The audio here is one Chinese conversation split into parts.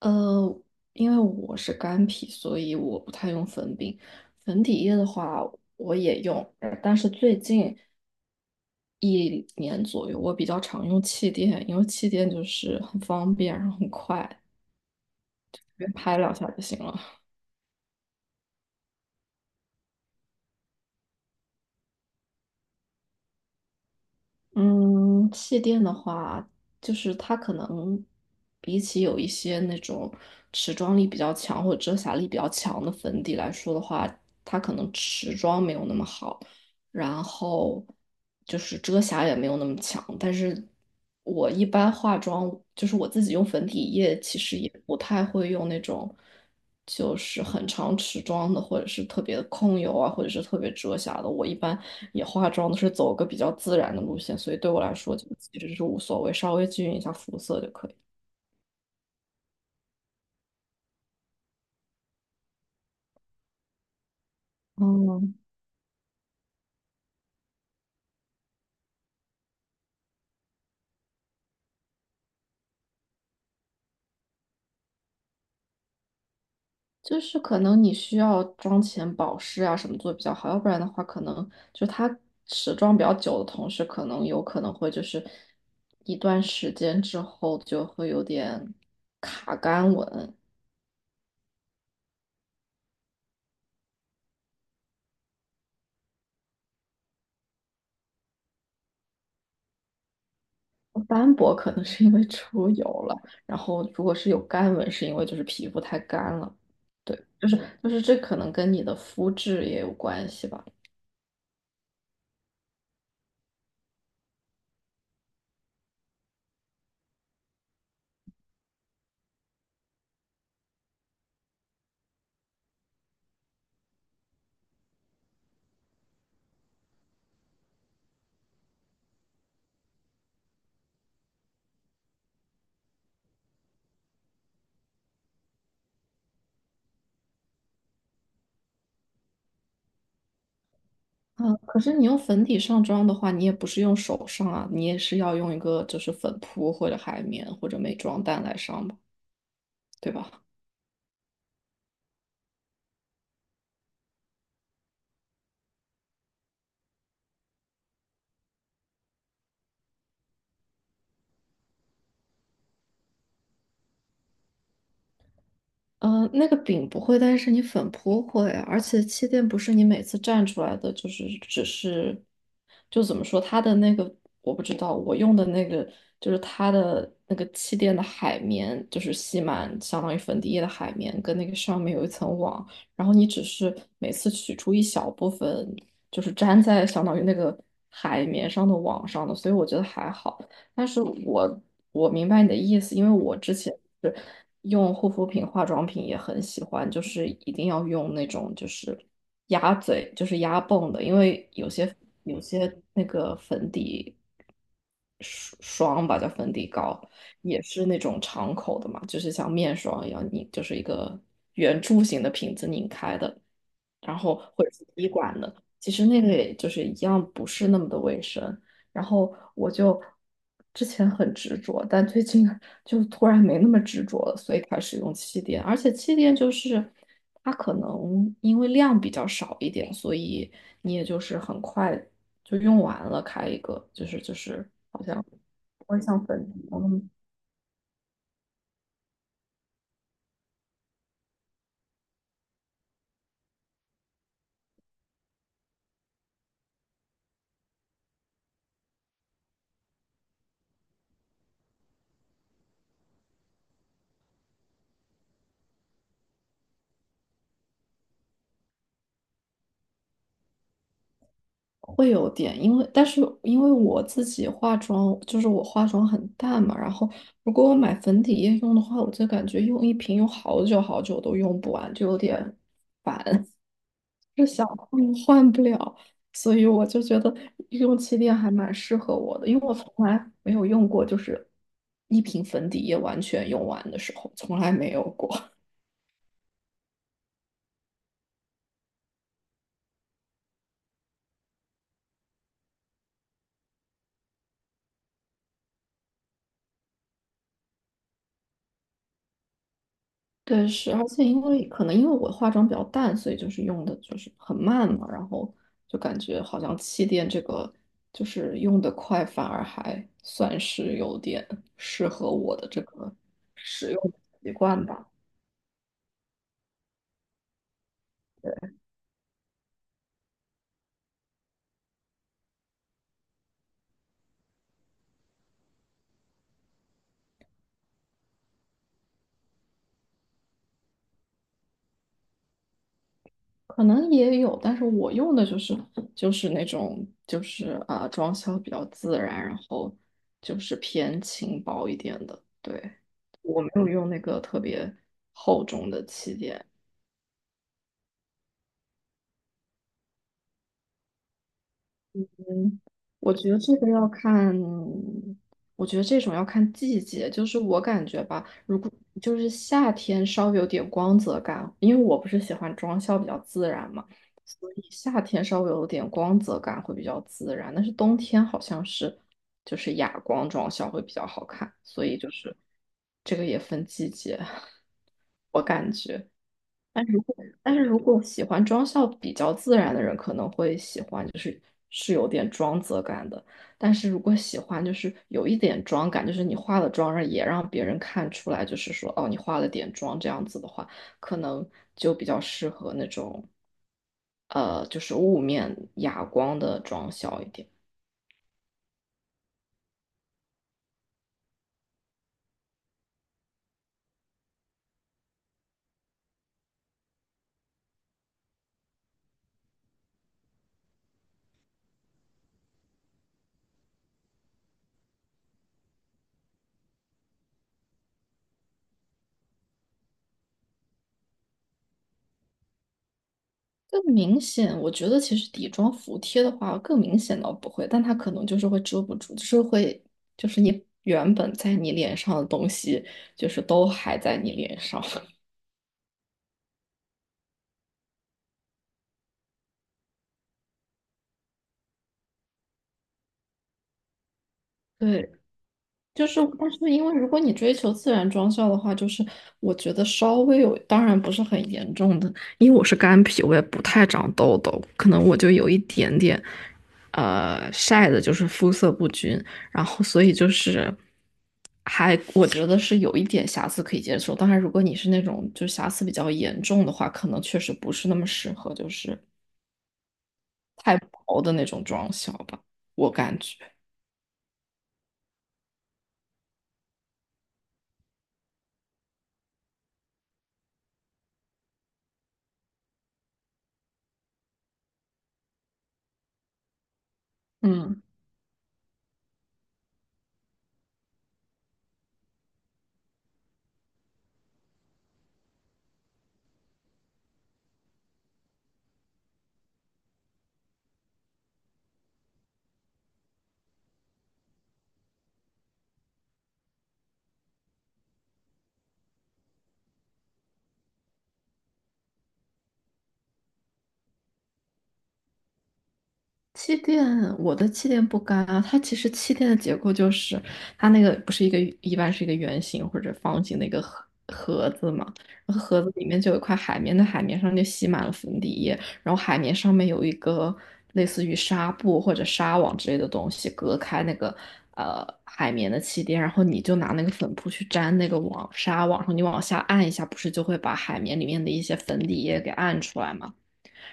呃，因为我是干皮，所以我不太用粉饼。粉底液的话，我也用，但是最近一年左右，我比较常用气垫，因为气垫就是很方便，然后很快，随便拍两下就行了。嗯，气垫的话，就是它可能比起有一些那种持妆力比较强或者遮瑕力比较强的粉底来说的话，它可能持妆没有那么好。然后就是遮瑕也没有那么强。但是我一般化妆，就是我自己用粉底液，其实也不太会用那种就是很长持妆的，或者是特别控油啊，或者是特别遮瑕的。我一般也化妆都是走个比较自然的路线，所以对我来说就其实是无所谓，稍微均匀一下肤色就可以。哦，就是可能你需要妆前保湿啊什么做得比较好，要不然的话，可能就它持妆比较久的同时，可能有可能会就是一段时间之后就会有点卡干纹。斑驳可能是因为出油了，然后如果是有干纹，是因为就是皮肤太干了。对，就是这可能跟你的肤质也有关系吧。啊，可是你用粉底上妆的话，你也不是用手上啊，你也是要用一个就是粉扑或者海绵或者美妆蛋来上吧，对吧？呃，那个饼不会，但是你粉扑会，而且气垫不是你每次蘸出来的，就是只是，就怎么说，它的那个我不知道，我用的那个就是它的那个气垫的海绵，就是吸满相当于粉底液的海绵，跟那个上面有一层网，然后你只是每次取出一小部分，就是粘在相当于那个海绵上的网上的，所以我觉得还好。但是我明白你的意思，因为我之前是用护肤品、化妆品也很喜欢，就是一定要用那种就是压嘴，就是压泵的，因为有些那个粉底霜霜吧，叫粉底膏，也是那种敞口的嘛，就是像面霜一样，你就是一个圆柱形的瓶子拧开的，然后或者是滴管的，其实那个也就是一样，不是那么的卫生。然后我就之前很执着，但最近就突然没那么执着了，所以开始用气垫。而且气垫就是它可能因为量比较少一点，所以你也就是很快就用完了，开一个就是好像不会像粉底那么会有点，因为但是因为我自己化妆，就是我化妆很淡嘛，然后如果我买粉底液用的话，我就感觉用一瓶用好久好久都用不完，就有点是想换换不了，所以我就觉得用气垫还蛮适合我的，因为我从来没有用过，就是一瓶粉底液完全用完的时候，从来没有过。对，是，而且因为可能因为我化妆比较淡，所以就是用的就是很慢嘛，然后就感觉好像气垫这个就是用的快，反而还算是有点适合我的这个使用习惯吧。可能也有，但是我用的就是那种就是装修比较自然，然后就是偏轻薄一点的。对，我没有用那个特别厚重的气垫，嗯，我觉得这个要看，我觉得这种要看季节。就是我感觉吧，如果就是夏天稍微有点光泽感，因为我不是喜欢妆效比较自然嘛，所以夏天稍微有点光泽感会比较自然。但是冬天好像是就是哑光妆效会比较好看，所以就是这个也分季节，我感觉。但是如果但是如果喜欢妆效比较自然的人，可能会喜欢，就是是有点妆泽感的。但是如果喜欢就是有一点妆感，就是你化了妆，让也让别人看出来，就是说哦，你化了点妆这样子的话，可能就比较适合那种就是雾面哑光的妆效一点。更明显，我觉得其实底妆服帖的话，更明显倒不会，但它可能就是会遮不住，就是会，就是你原本在你脸上的东西，就是都还在你脸上。对，就是，但是因为如果你追求自然妆效的话，就是我觉得稍微有，当然不是很严重的，因为我是干皮，我也不太长痘痘，可能我就有一点点，晒的就是肤色不均，然后所以就是还我觉得是有一点瑕疵可以接受，当然如果你是那种就瑕疵比较严重的话，可能确实不是那么适合，就是太薄的那种妆效吧，我感觉，嗯。气垫，我的气垫不干啊。它其实气垫的结构就是，它那个不是一个一般是一个圆形或者方形的一个盒盒子嘛，然后盒子里面就有一块海绵，那海绵上就吸满了粉底液，然后海绵上面有一个类似于纱布或者纱网之类的东西隔开那个海绵的气垫，然后你就拿那个粉扑去粘那个网纱网上，你往下按一下，不是就会把海绵里面的一些粉底液给按出来嘛？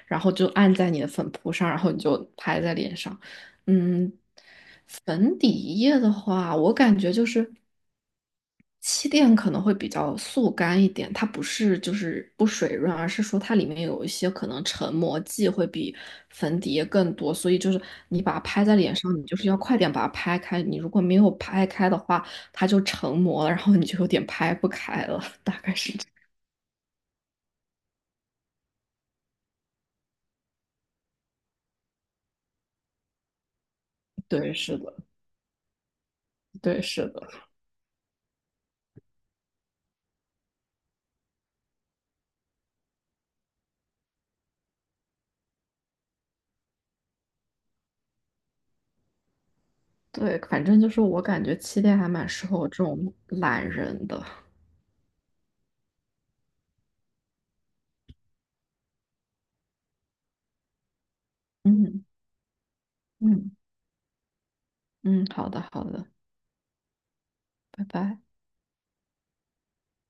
然后就按在你的粉扑上，然后你就拍在脸上。嗯，粉底液的话，我感觉就是气垫可能会比较速干一点，它不是就是不水润，而是说它里面有一些可能成膜剂会比粉底液更多，所以就是你把它拍在脸上，你就是要快点把它拍开，你如果没有拍开的话，它就成膜了，然后你就有点拍不开了，大概是这样对，是的，对，是的。对，反正就是我感觉气垫还蛮适合我这种懒人的。嗯嗯嗯，好的好的，拜拜。